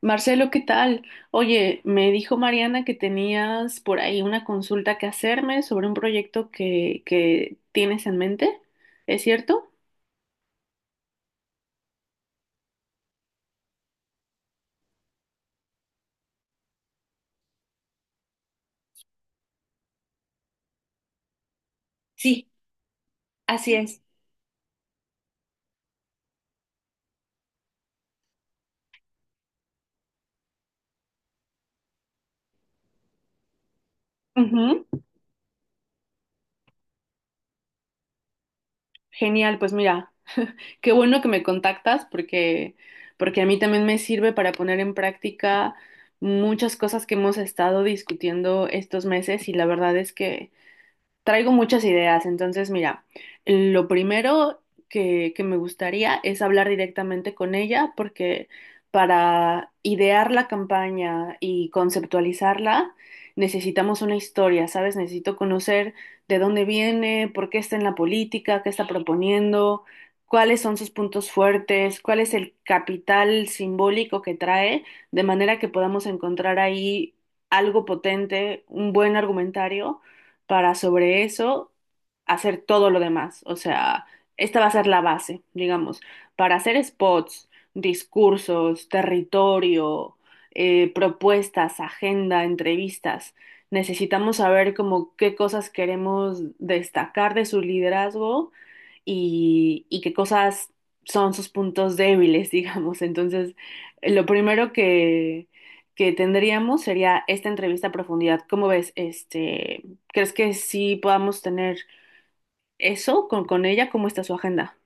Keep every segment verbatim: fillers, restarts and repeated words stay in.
Marcelo, ¿qué tal? Oye, me dijo Mariana que tenías por ahí una consulta que hacerme sobre un proyecto que, que tienes en mente, ¿es cierto? Sí, así es. Ujú. Genial, pues mira, qué bueno que me contactas porque, porque a mí también me sirve para poner en práctica muchas cosas que hemos estado discutiendo estos meses y la verdad es que traigo muchas ideas. Entonces mira, lo primero que, que me gustaría es hablar directamente con ella porque para idear la campaña y conceptualizarla necesitamos una historia, ¿sabes? Necesito conocer de dónde viene, por qué está en la política, qué está proponiendo, cuáles son sus puntos fuertes, cuál es el capital simbólico que trae, de manera que podamos encontrar ahí algo potente, un buen argumentario para sobre eso hacer todo lo demás. O sea, esta va a ser la base, digamos, para hacer spots, discursos, territorio, eh, propuestas, agenda, entrevistas. Necesitamos saber como qué cosas queremos destacar de su liderazgo y, y qué cosas son sus puntos débiles, digamos. Entonces, lo primero que, que tendríamos sería esta entrevista a profundidad. ¿Cómo ves? Este, ¿crees que sí podamos tener eso con, con ella? ¿Cómo está su agenda?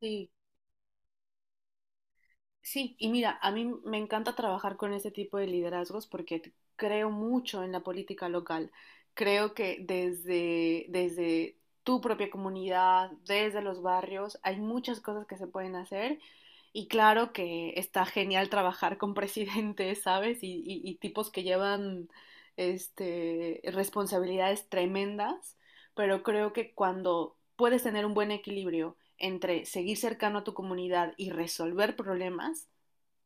Sí. Sí, y mira, a mí me encanta trabajar con este tipo de liderazgos porque t- creo mucho en la política local. Creo que desde, desde tu propia comunidad, desde los barrios, hay muchas cosas que se pueden hacer. Y claro que está genial trabajar con presidentes, ¿sabes? Y, y- y tipos que llevan este, responsabilidades tremendas, pero creo que cuando puedes tener un buen equilibrio, entre seguir cercano a tu comunidad y resolver problemas,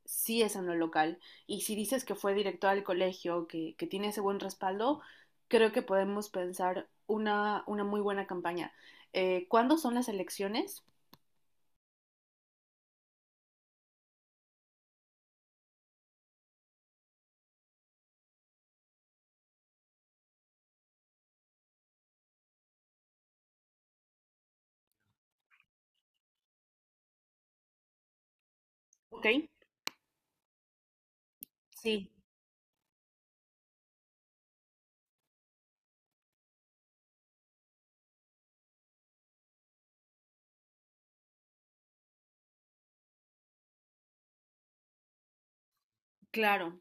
sí es en lo local. Y si dices que fue directora del colegio, que, que tiene ese buen respaldo, creo que podemos pensar una, una muy buena campaña. Eh, ¿Cuándo son las elecciones? Ok, sí, claro.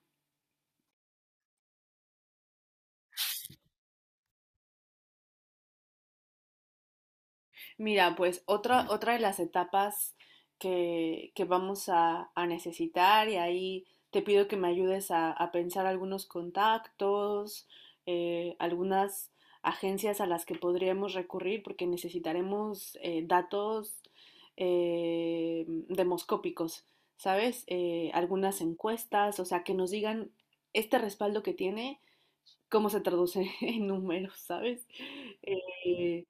Mira, pues otra, otra de las etapas que, que vamos a, a necesitar y ahí te pido que me ayudes a, a pensar algunos contactos, eh, algunas agencias a las que podríamos recurrir porque necesitaremos eh, datos eh, demoscópicos, ¿sabes? Eh, algunas encuestas, o sea, que nos digan este respaldo que tiene, cómo se traduce en números, ¿sabes? Eh,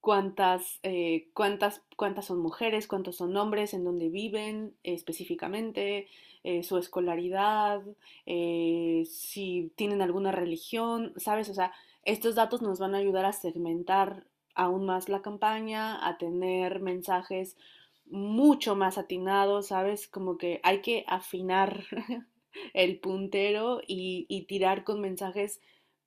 Cuántas, eh, cuántas, cuántas son mujeres, cuántos son hombres, en dónde viven eh, específicamente, eh, su escolaridad, eh, si tienen alguna religión, ¿sabes? O sea, estos datos nos van a ayudar a segmentar aún más la campaña, a tener mensajes mucho más atinados, ¿sabes? Como que hay que afinar el puntero y, y tirar con mensajes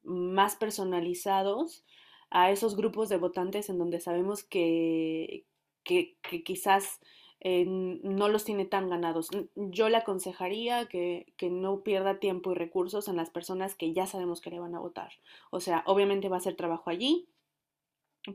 más personalizados a esos grupos de votantes en donde sabemos que, que, que quizás eh, no los tiene tan ganados. Yo le aconsejaría que, que, no pierda tiempo y recursos en las personas que ya sabemos que le van a votar. O sea, obviamente va a ser trabajo allí,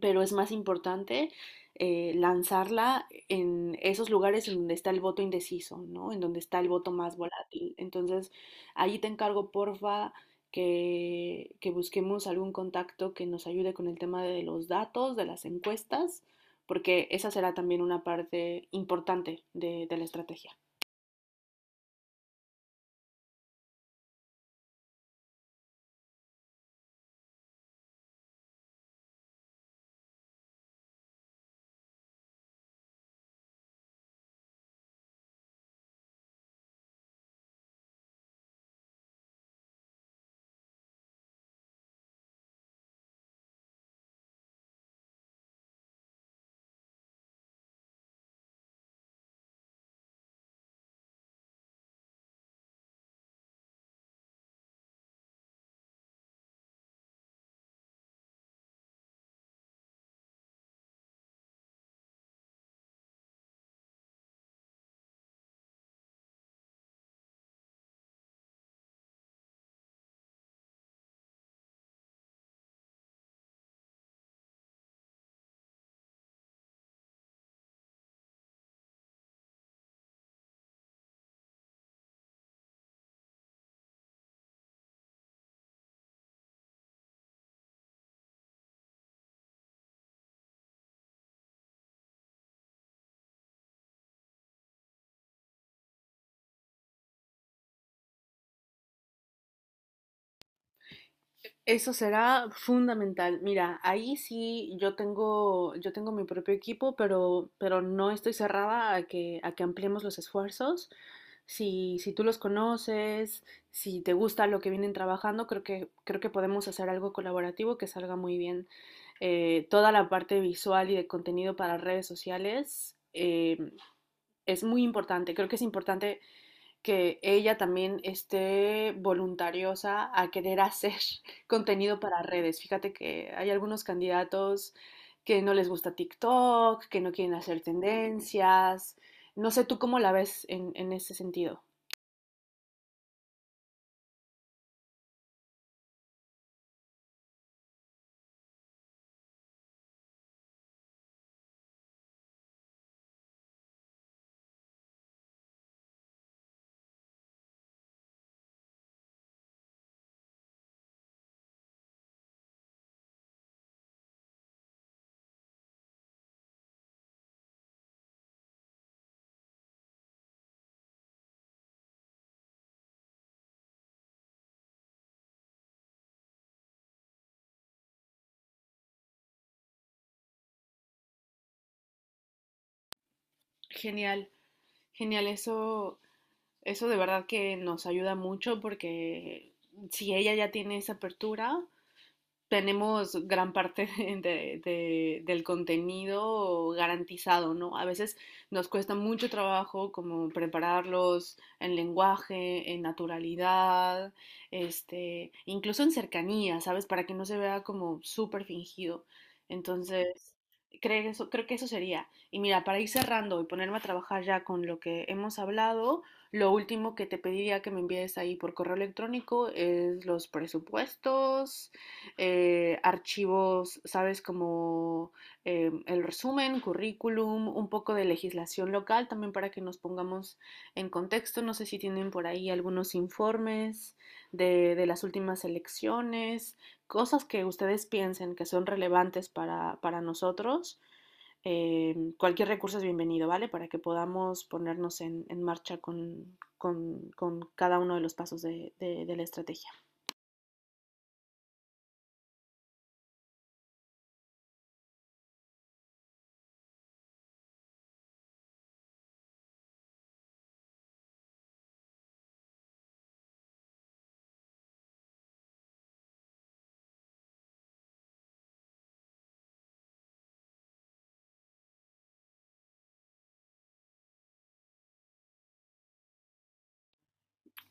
pero es más importante eh, lanzarla en esos lugares en donde está el voto indeciso, ¿no? En donde está el voto más volátil. Entonces, ahí te encargo, porfa, que, que busquemos algún contacto que nos ayude con el tema de los datos, de las encuestas, porque esa será también una parte importante de de la estrategia. Eso será fundamental. Mira, ahí sí yo tengo, yo tengo mi propio equipo, pero, pero no estoy cerrada a que, a que ampliemos los esfuerzos. Si, si tú los conoces, si te gusta lo que vienen trabajando, creo que, creo que podemos hacer algo colaborativo que salga muy bien. Eh, toda la parte visual y de contenido para redes sociales eh, es muy importante. Creo que es importante que ella también esté voluntariosa a querer hacer contenido para redes. Fíjate que hay algunos candidatos que no les gusta TikTok, que no quieren hacer tendencias. No sé tú cómo la ves en, en ese sentido. Genial, genial. Eso, eso de verdad que nos ayuda mucho porque si ella ya tiene esa apertura, tenemos gran parte de- de- del contenido garantizado, ¿no? A veces nos cuesta mucho trabajo como prepararlos en lenguaje, en naturalidad, este, incluso en cercanía, ¿sabes? Para que no se vea como súper fingido. Entonces, creo que eso, creo que eso sería. Y mira, para ir cerrando y ponerme a trabajar ya con lo que hemos hablado, lo último que te pediría que me envíes ahí por correo electrónico es los presupuestos, eh, archivos, ¿sabes? Como eh, el resumen, currículum, un poco de legislación local también para que nos pongamos en contexto. No sé si tienen por ahí algunos informes de, de las últimas elecciones, cosas que ustedes piensen que son relevantes para, para nosotros. Eh, cualquier recurso es bienvenido, ¿vale? Para que podamos ponernos en, en marcha con, con, con, cada uno de los pasos de, de, de la estrategia.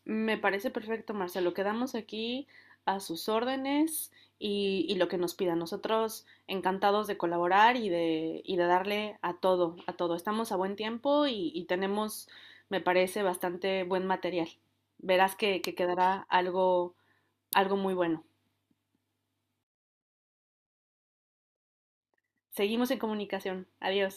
Me parece perfecto, Marcelo. Quedamos aquí a sus órdenes y, y lo que nos pidan. Nosotros encantados de colaborar y de, y de darle a todo, a todo. Estamos a buen tiempo y, y tenemos, me parece, bastante buen material. Verás que, que quedará algo, algo muy bueno. Seguimos en comunicación. Adiós.